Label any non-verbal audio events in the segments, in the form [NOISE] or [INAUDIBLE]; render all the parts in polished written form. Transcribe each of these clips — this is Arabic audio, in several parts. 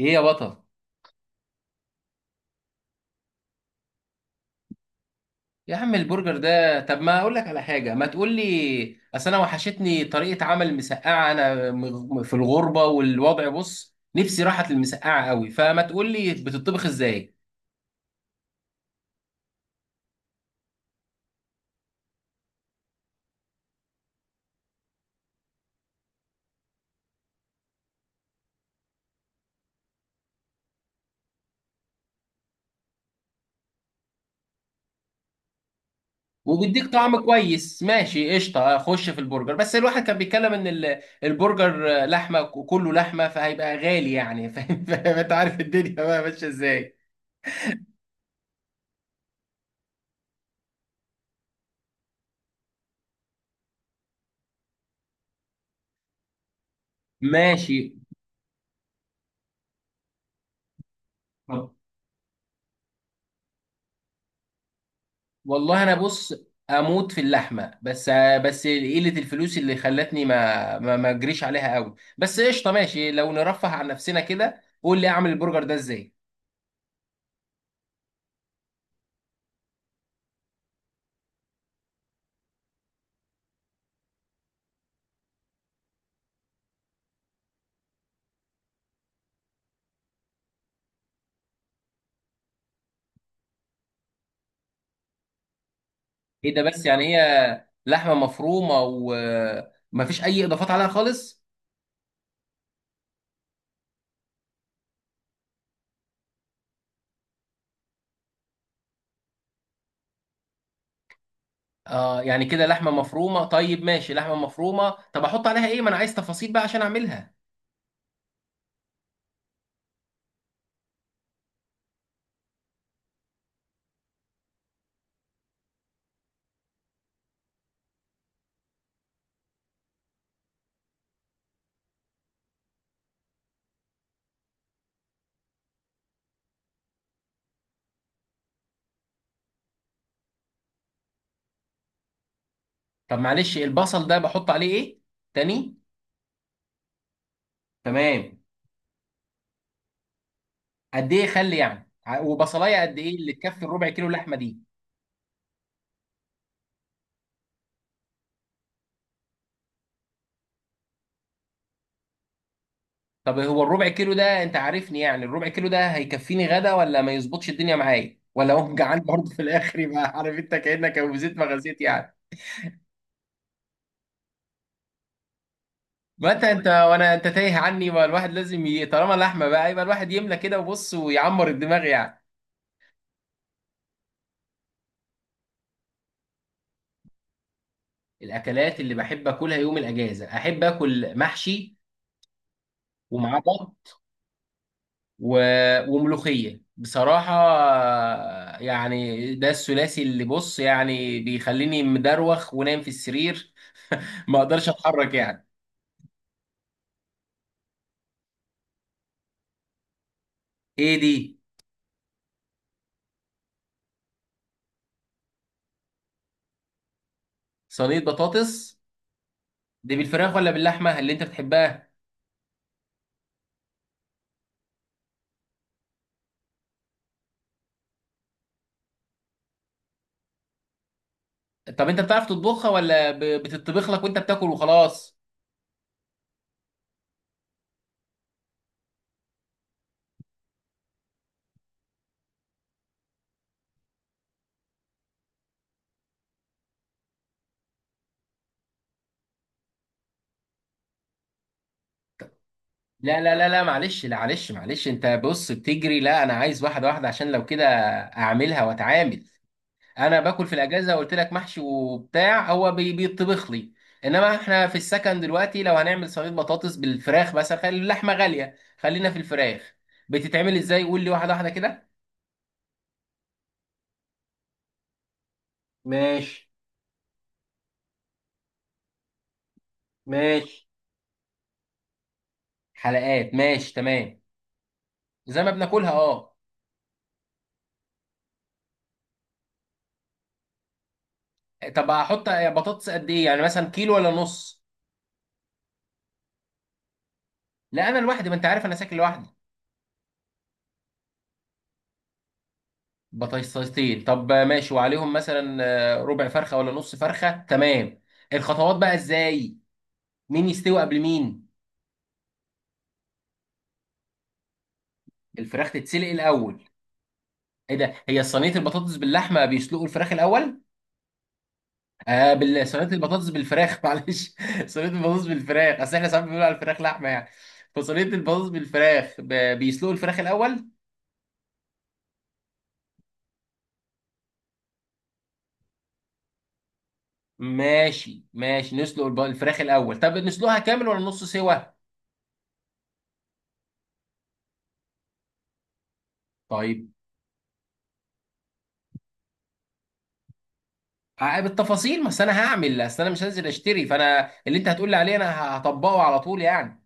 ايه يا بطل؟ يا عم، البرجر ده طب ما اقول لك على حاجه. ما تقول لي، اصل انا وحشتني طريقه عمل مسقعه، انا في الغربه، والوضع بص نفسي راحت للمسقعه قوي، فما تقول لي بتطبخ ازاي؟ وبيديك طعم كويس. ماشي قشطه، اخش في البرجر. بس الواحد كان بيتكلم ان البرجر لحمه، كله لحمه، فهيبقى غالي يعني. [LAUGHS] فاهم فاهم؟ انت عارف الدنيا بقى ماشيه ازاي. ماشي. والله انا بص، اموت في اللحمه. بس قله الفلوس اللي خلتني ما اجريش عليها قوي. بس قشطه، ماشي، لو نرفه عن نفسنا كده قول لي اعمل البرجر ده ازاي؟ ايه ده؟ بس يعني هي لحمه مفرومه وما فيش اي اضافات عليها خالص؟ اه، يعني كده لحمه مفرومه؟ طيب ماشي، لحمه مفرومه، طب احط عليها ايه؟ ما انا عايز تفاصيل بقى عشان اعملها. طب معلش، البصل ده بحط عليه ايه تاني؟ تمام. قد ايه؟ خلي يعني وبصلايه قد ايه اللي تكفي الربع كيلو لحمه دي؟ طب هو الربع كيلو ده، انت عارفني يعني، الربع كيلو ده هيكفيني غدا، ولا ما يظبطش الدنيا معايا، ولا هو [LAUGHS] جعان برضه في الاخر يبقى، عارف انت، كانك وزيت ما غزيت يعني؟ ما انت وانا، انت تايه عني، ما الواحد لازم طالما لحمه بقى يبقى الواحد يملى كده وبص، ويعمر الدماغ يعني. الاكلات اللي بحب اكلها يوم الاجازه، احب اكل محشي ومعاه بط و... وملوخيه بصراحه، يعني ده الثلاثي اللي بص يعني بيخليني مدروخ ونايم في السرير. ما اقدرش اتحرك يعني. ايه دي؟ صينيه بطاطس؟ دي بالفراخ ولا باللحمه اللي انت بتحبها؟ طب انت بتعرف تطبخها ولا بتطبخ لك وانت بتاكل وخلاص؟ لا، لا، لا، لا، معلش، لا، معلش، معلش، انت بص بتجري. لا، انا عايز واحده واحده عشان لو كده اعملها واتعامل. انا باكل في الاجازه قلت لك محشي وبتاع، هو بيطبخ لي. انما احنا في السكن دلوقتي، لو هنعمل صينيه بطاطس بالفراخ مثلا، خلي اللحمه غاليه، خلينا في الفراخ. بتتعمل ازاي؟ قول لي واحده واحده كده. ماشي. ماشي. حلقات ماشي، تمام. زي ما بناكلها، اه. طب احط بطاطس قد ايه يعني؟ مثلا كيلو ولا نص؟ لا انا لوحدي، ما انت عارف انا ساكن لوحدي. بطاطستين؟ طب ماشي، وعليهم مثلا ربع فرخه ولا نص فرخه؟ تمام. الخطوات بقى ازاي؟ مين يستوي قبل مين؟ الفراخ تتسلق الاول؟ ايه ده؟ هي صينيه البطاطس باللحمه بيسلقوا الفراخ الاول؟ اه، صينيه البطاطس بالفراخ. [LAUGHS] معلش. صينيه البطاطس بالفراخ، اصل احنا ساعات بنقول على الفراخ لحمه يعني. فصينيه البطاطس بالفراخ، بيسلقوا الفراخ الاول. ماشي. ماشي. نسلق الفراخ الاول. طب نسلقها كامل ولا نص سوا؟ طيب، بالتفاصيل، ما أصل انا هعمل، اصل انا مش هنزل اشتري، فانا اللي انت هتقول لي عليه انا هطبقه على طول يعني.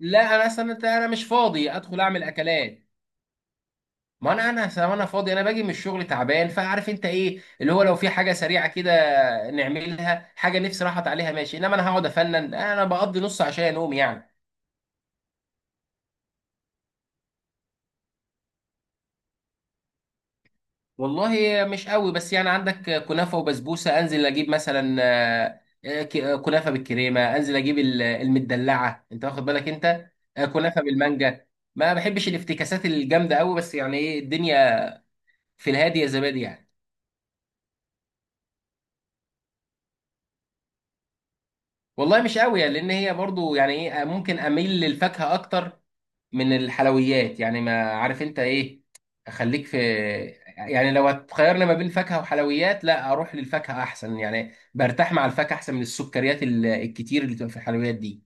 لا انا اصلا، انت، انا مش فاضي ادخل اعمل اكلات. ما انا أصل انا فاضي، انا باجي من الشغل تعبان، فعارف انت ايه اللي هو، لو في حاجه سريعه كده نعملها، حاجه نفسي راحت عليها ماشي، انما انا هقعد افنن، انا بقضي نص عشان انوم يعني. والله مش قوي، بس يعني عندك كنافة وبسبوسة، انزل اجيب مثلا كنافة بالكريمة، انزل اجيب المدلعة، انت واخد بالك انت. كنافة بالمانجا. ما بحبش الافتكاسات الجامدة قوي، بس يعني ايه الدنيا، في الهادي يا زبادي يعني. والله مش قوي يعني، لان هي برضو يعني، ايه، ممكن اميل للفاكهة اكتر من الحلويات يعني، ما عارف انت ايه. اخليك في، يعني لو هتخيرني ما بين فاكهة وحلويات، لا، اروح للفاكهة احسن يعني، برتاح مع الفاكهة احسن من السكريات الكتير اللي بتبقى في الحلويات دي.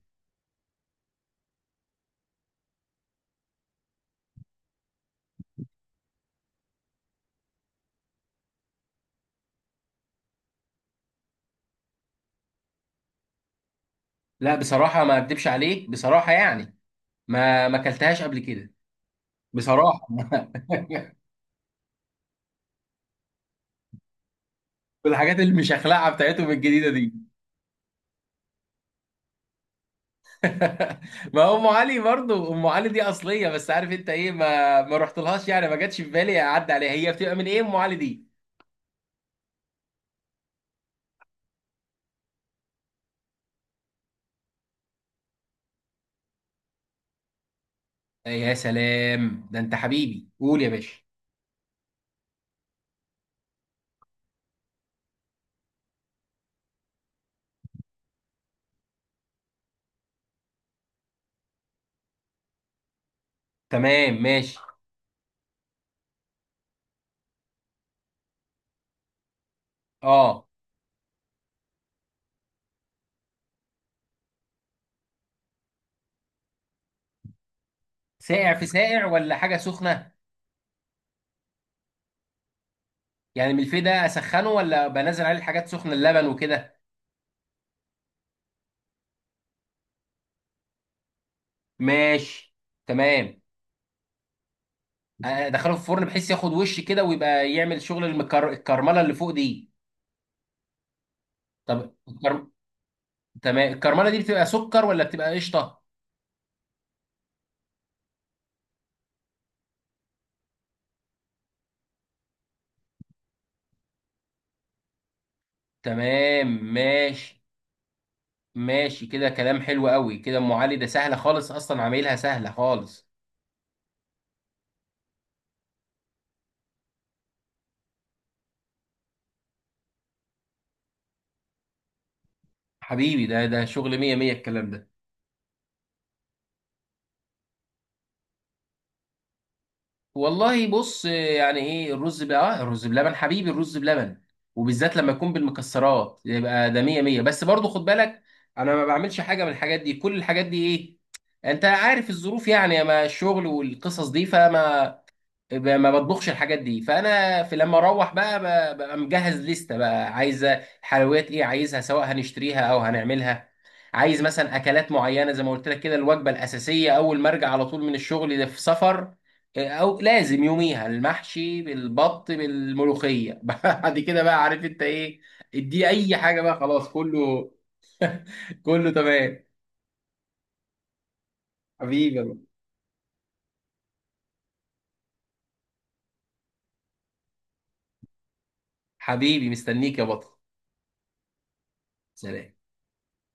لا بصراحة ما اكدبش عليك، بصراحة يعني، ما اكلتهاش قبل كده. بصراحة. [LAUGHS] والحاجات المشخلعة بتاعتهم الجديدة دي. [LAUGHS] ما هو ام علي برضو، ام علي دي اصلية، بس عارف انت ايه، ما رحتلهاش يعني، ما جاتش في بالي اعدي عليها. هي بتبقى من ايه ام علي دي؟ إيه، يا سلام، ده انت حبيبي، قول يا باشا. تمام ماشي. اه، ساقع في ساقع ولا حاجه سخنه؟ يعني الملفيه ده اسخنه، ولا بنزل عليه الحاجات سخنه، اللبن وكده؟ ماشي. تمام. ادخله في الفرن بحيث ياخد وش كده، ويبقى يعمل شغل الكرمله اللي فوق دي. طب تمام، الكرمله دي بتبقى سكر ولا بتبقى قشطه؟ تمام. ماشي. ماشي، كده كلام حلو قوي، كده ام علي ده سهله خالص، اصلا عاملها سهله خالص. حبيبي، ده شغل مية مية الكلام ده. والله بص يعني، ايه الرز بقى، الرز بلبن حبيبي، الرز بلبن. وبالذات لما يكون بالمكسرات يبقى ده مية مية، بس برضو خد بالك، انا ما بعملش حاجة من الحاجات دي، كل الحاجات دي، ايه، انت عارف الظروف يعني، ما الشغل والقصص دي، فما ما بطبخش الحاجات دي. فانا في، لما اروح بقى، ببقى مجهز لستة بقى عايزه. الحلويات ايه عايزها، سواء هنشتريها او هنعملها. عايز مثلا اكلات معينه، زي ما قلت لك كده، الوجبه الاساسيه اول ما ارجع على طول من الشغل، ده في سفر. او لازم يوميها المحشي بالبط بالملوخيه. [LAUGHS] بعد كده بقى، عارف انت ايه، ادي اي حاجه بقى، خلاص، كله كله تمام. حبيبي يا بطل. حبيبي مستنيك يا بطل. سلام.